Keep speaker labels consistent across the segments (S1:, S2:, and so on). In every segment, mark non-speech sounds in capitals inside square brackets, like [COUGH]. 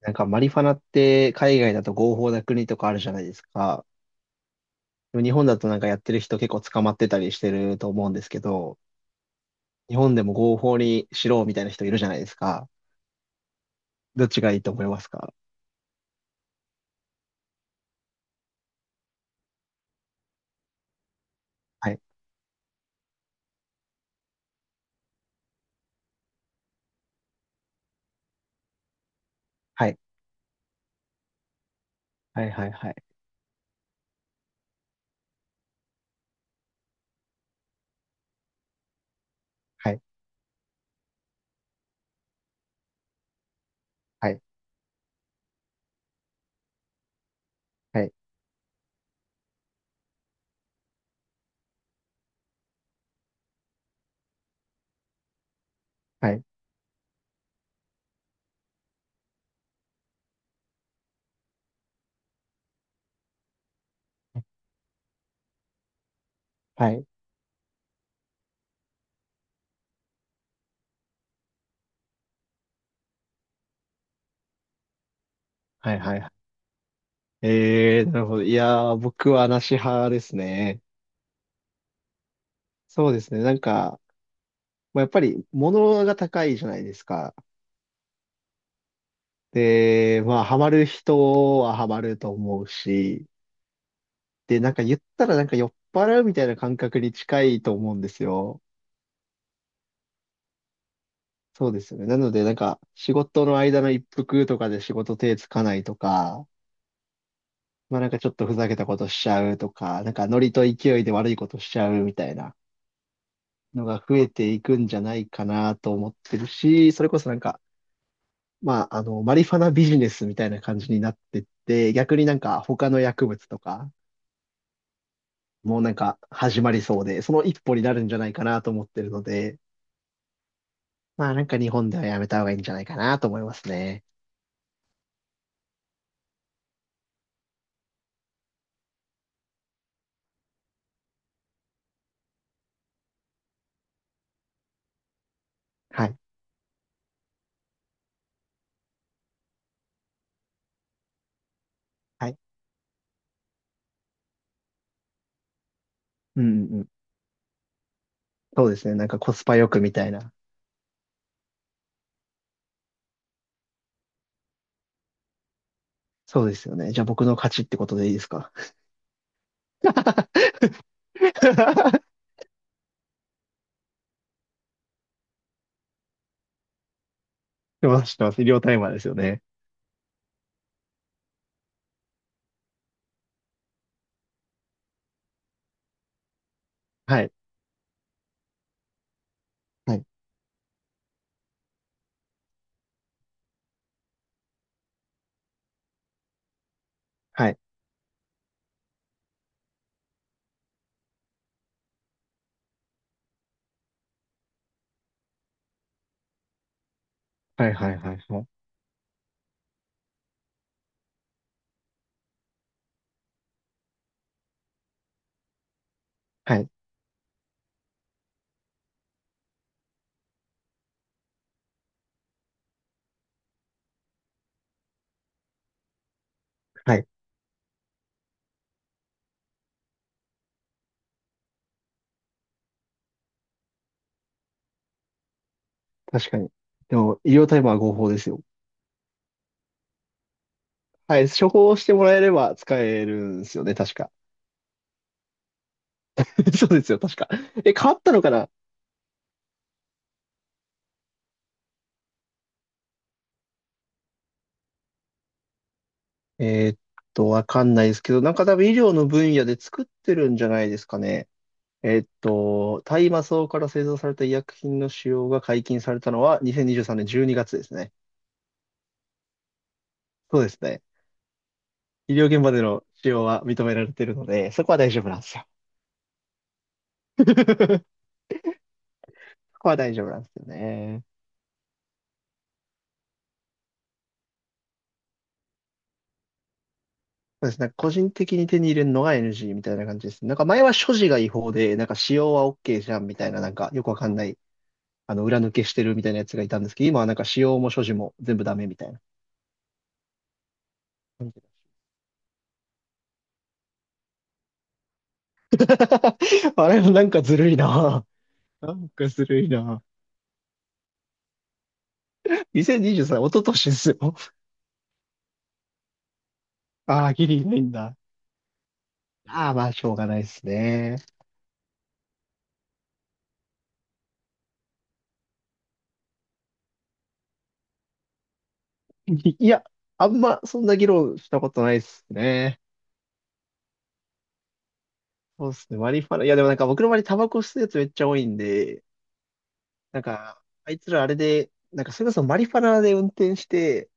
S1: なんかマリファナって海外だと合法な国とかあるじゃないですか。でも日本だとなんかやってる人結構捕まってたりしてると思うんですけど、日本でも合法にしろみたいな人いるじゃないですか。どっちがいいと思いますか？はい。はい。はい。はい。はい。はい。はい。はい。はい。はい。はい。はいはい。なるほど。いやー、僕はなし派ですね。そうですね。なんか、まあ、やっぱり物が高いじゃないですか。で、まあ、ハマる人はハマると思うし、で、なんか言ったらなんか酔っ払うみたいな感覚に近いと思うんですよ。そうですよね。なので、なんか仕事の間の一服とかで仕事手つかないとか、まあなんかちょっとふざけたことしちゃうとか、なんかノリと勢いで悪いことしちゃうみたいなのが増えていくんじゃないかなと思ってるし、それこそなんか、まああの、マリファナビジネスみたいな感じになってって、逆になんか他の薬物とか、もうなんか始まりそうで、その一歩になるんじゃないかなと思ってるので、まあなんか日本ではやめた方がいいんじゃないかなと思いますね。はい。はい。うんうんうん。そうですね。なんかコスパよくみたいな。そうですよね。じゃあ僕の勝ちってことでいいですか？し [LAUGHS] てます、[LAUGHS] してます。医療タイマーですよね。はい。はい。はい。はい、はい、はい、はい。はい。はい。確かに。でも、医療タイマーは合法ですよ。はい。処方してもらえれば使えるんですよね、確か。[LAUGHS] そうですよ、確か。え、変わったのかな？えーっわかんないですけど、なんか多分医療の分野で作ってるんじゃないですかね。えっと、大麻草から製造された医薬品の使用が解禁されたのは2023年12月ですね。そうですね。医療現場での使用は認められているので、そこは大丈夫なんですよ。[LAUGHS] そこは大丈夫なんですよね。そうですね。個人的に手に入れるのが NG みたいな感じですね。なんか前は所持が違法で、なんか使用は OK じゃんみたいな、なんかよくわかんない、あの、裏抜けしてるみたいなやつがいたんですけど、今はなんか使用も所持も全部ダメみたいな感じで。[LAUGHS] あれ、なんかずるいな。なんかずるいな。2023、一昨年ですよ。ああ、ギリないんだ。ああ、まあ、しょうがないですね。いいや、あんま、そんな議論したことないですね。そうですね、マリファナ。いや、でもなんか僕の周りタバコ吸うやつめっちゃ多いんで、なんか、あいつらあれで、なんかそれこそマリファナで運転して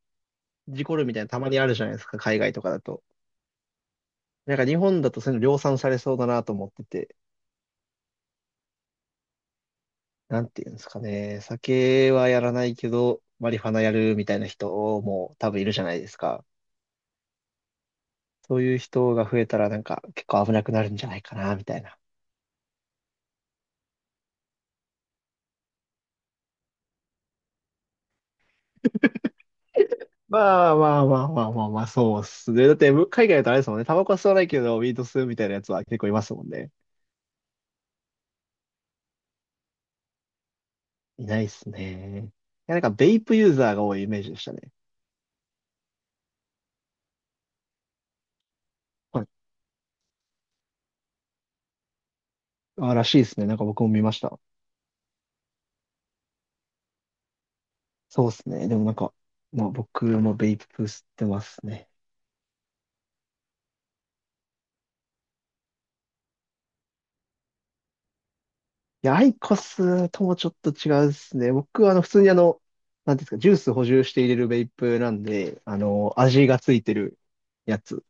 S1: 事故るみたいなたまにあるじゃないですか、海外とかだと。なんか日本だとそういうの量産されそうだなと思ってて、なんていうんですかね、酒はやらないけど、マリファナやるみたいな人も多分いるじゃないですか。そういう人が増えたらなんか結構危なくなるんじゃないかな、みたいな。まあまあまあまあまあまあ、そうっすね。だって、む海外だとあれですもんね。タバコは吸わないけど、ウィード吸うみたいなやつは結構いますもんね。いないっすね。いや、なんか、ベイプユーザーが多いイメージでしたね。はい。あ、らしいですね。なんか僕も見ました。そうっすね。でもなんか、まあ僕もベイプ吸ってますね。いや、アイコスともちょっと違うっすね。僕はあの、普通にあの、なんていうんですか、ジュース補充して入れるベイプなんで、あの、味がついてるやつ。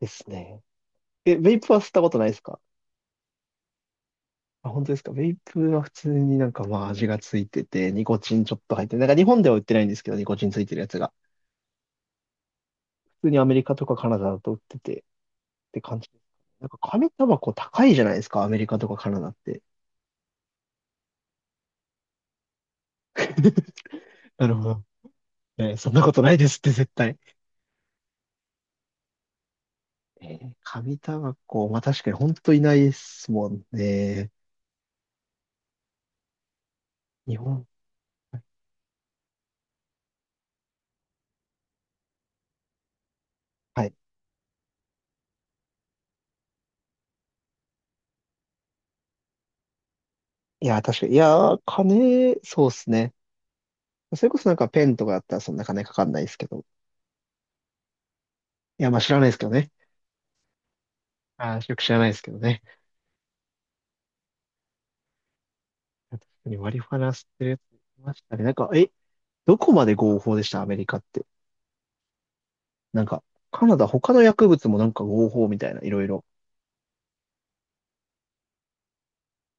S1: ですね。え、ベイプは吸ったことないですか？あ、本当ですか？ベイプは普通になんかまあ味がついてて、ニコチンちょっと入ってて、なんか日本では売ってないんですけど、ニコチンついてるやつが。普通にアメリカとかカナダだと売っててって感じ。なんか紙タバコ高いじゃないですか、アメリカとかカナダって。[LAUGHS] なるほど。えーそんなことないですって絶対。えー紙タバコ、まあ確かに本当いないですもんね。日本。はい。いや、確かに。いや、金、そうっすね。それこそなんかペンとかだったらそんな金かかんないですけど。いや、まあ知らないですけどね。あーよく知らないですけどね。確かにマリファナ吸ってるやついましたね。なんか、え、どこまで合法でしたアメリカって。なんか、カナダ他の薬物もなんか合法みたいな、いろいろ。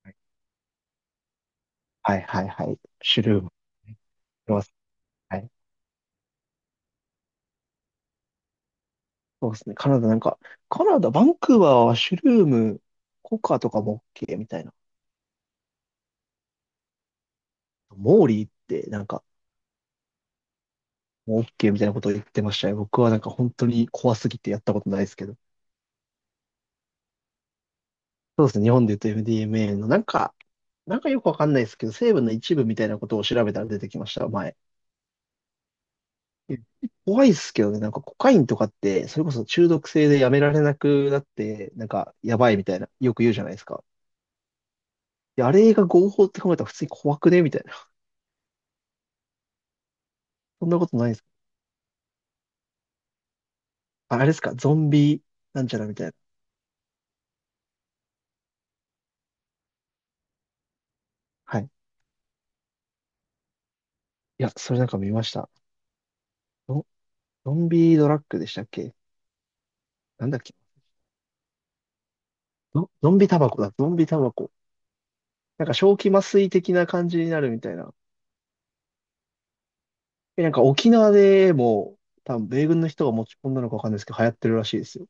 S1: はいはいはい。シュルーム。います。はい。そうですね。カナダなんか、カナダ、バンクーバーはシュルーム、コカとかも OK みたいな。モーリーってなんか、もう OK みたいなことを言ってましたよ。僕はなんか本当に怖すぎてやったことないですけど。そうですね。日本で言うと MDMA のなんか、なんかよくわかんないですけど、成分の一部みたいなことを調べたら出てきました、前。え怖いですけどね、なんかコカインとかって、それこそ中毒性でやめられなくなって、なんかやばいみたいな、よく言うじゃないですか。いやあれが合法って考えたら普通に怖くねみたいな。そんなことないですか。ああれですか、ゾンビなんちゃらみたいな。はい。いや、それなんか見ました。ゾゾンビドラッグでしたっけ？なんだっけ？ゾゾンビタバコだ、ゾンビタバコ。なんか正気麻酔的な感じになるみたいな。え、なんか沖縄でも、多分米軍の人が持ち込んだのかわかんないですけど、流行ってるらしいですよ。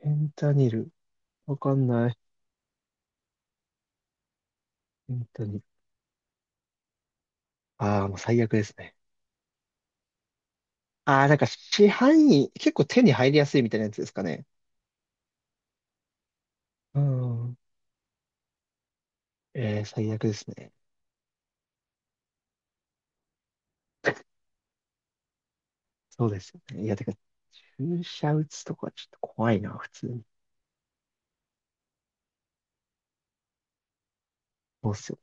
S1: フェンタニル。わかんない。フェンタニル。ああ、もう最悪ですね。ああ、なんか市販に結構手に入りやすいみたいなやつですかね。うん。えー、最悪ですね。そうですよね。いや、てか、注射打つとかちょっと怖いな、普通に。そうっすよ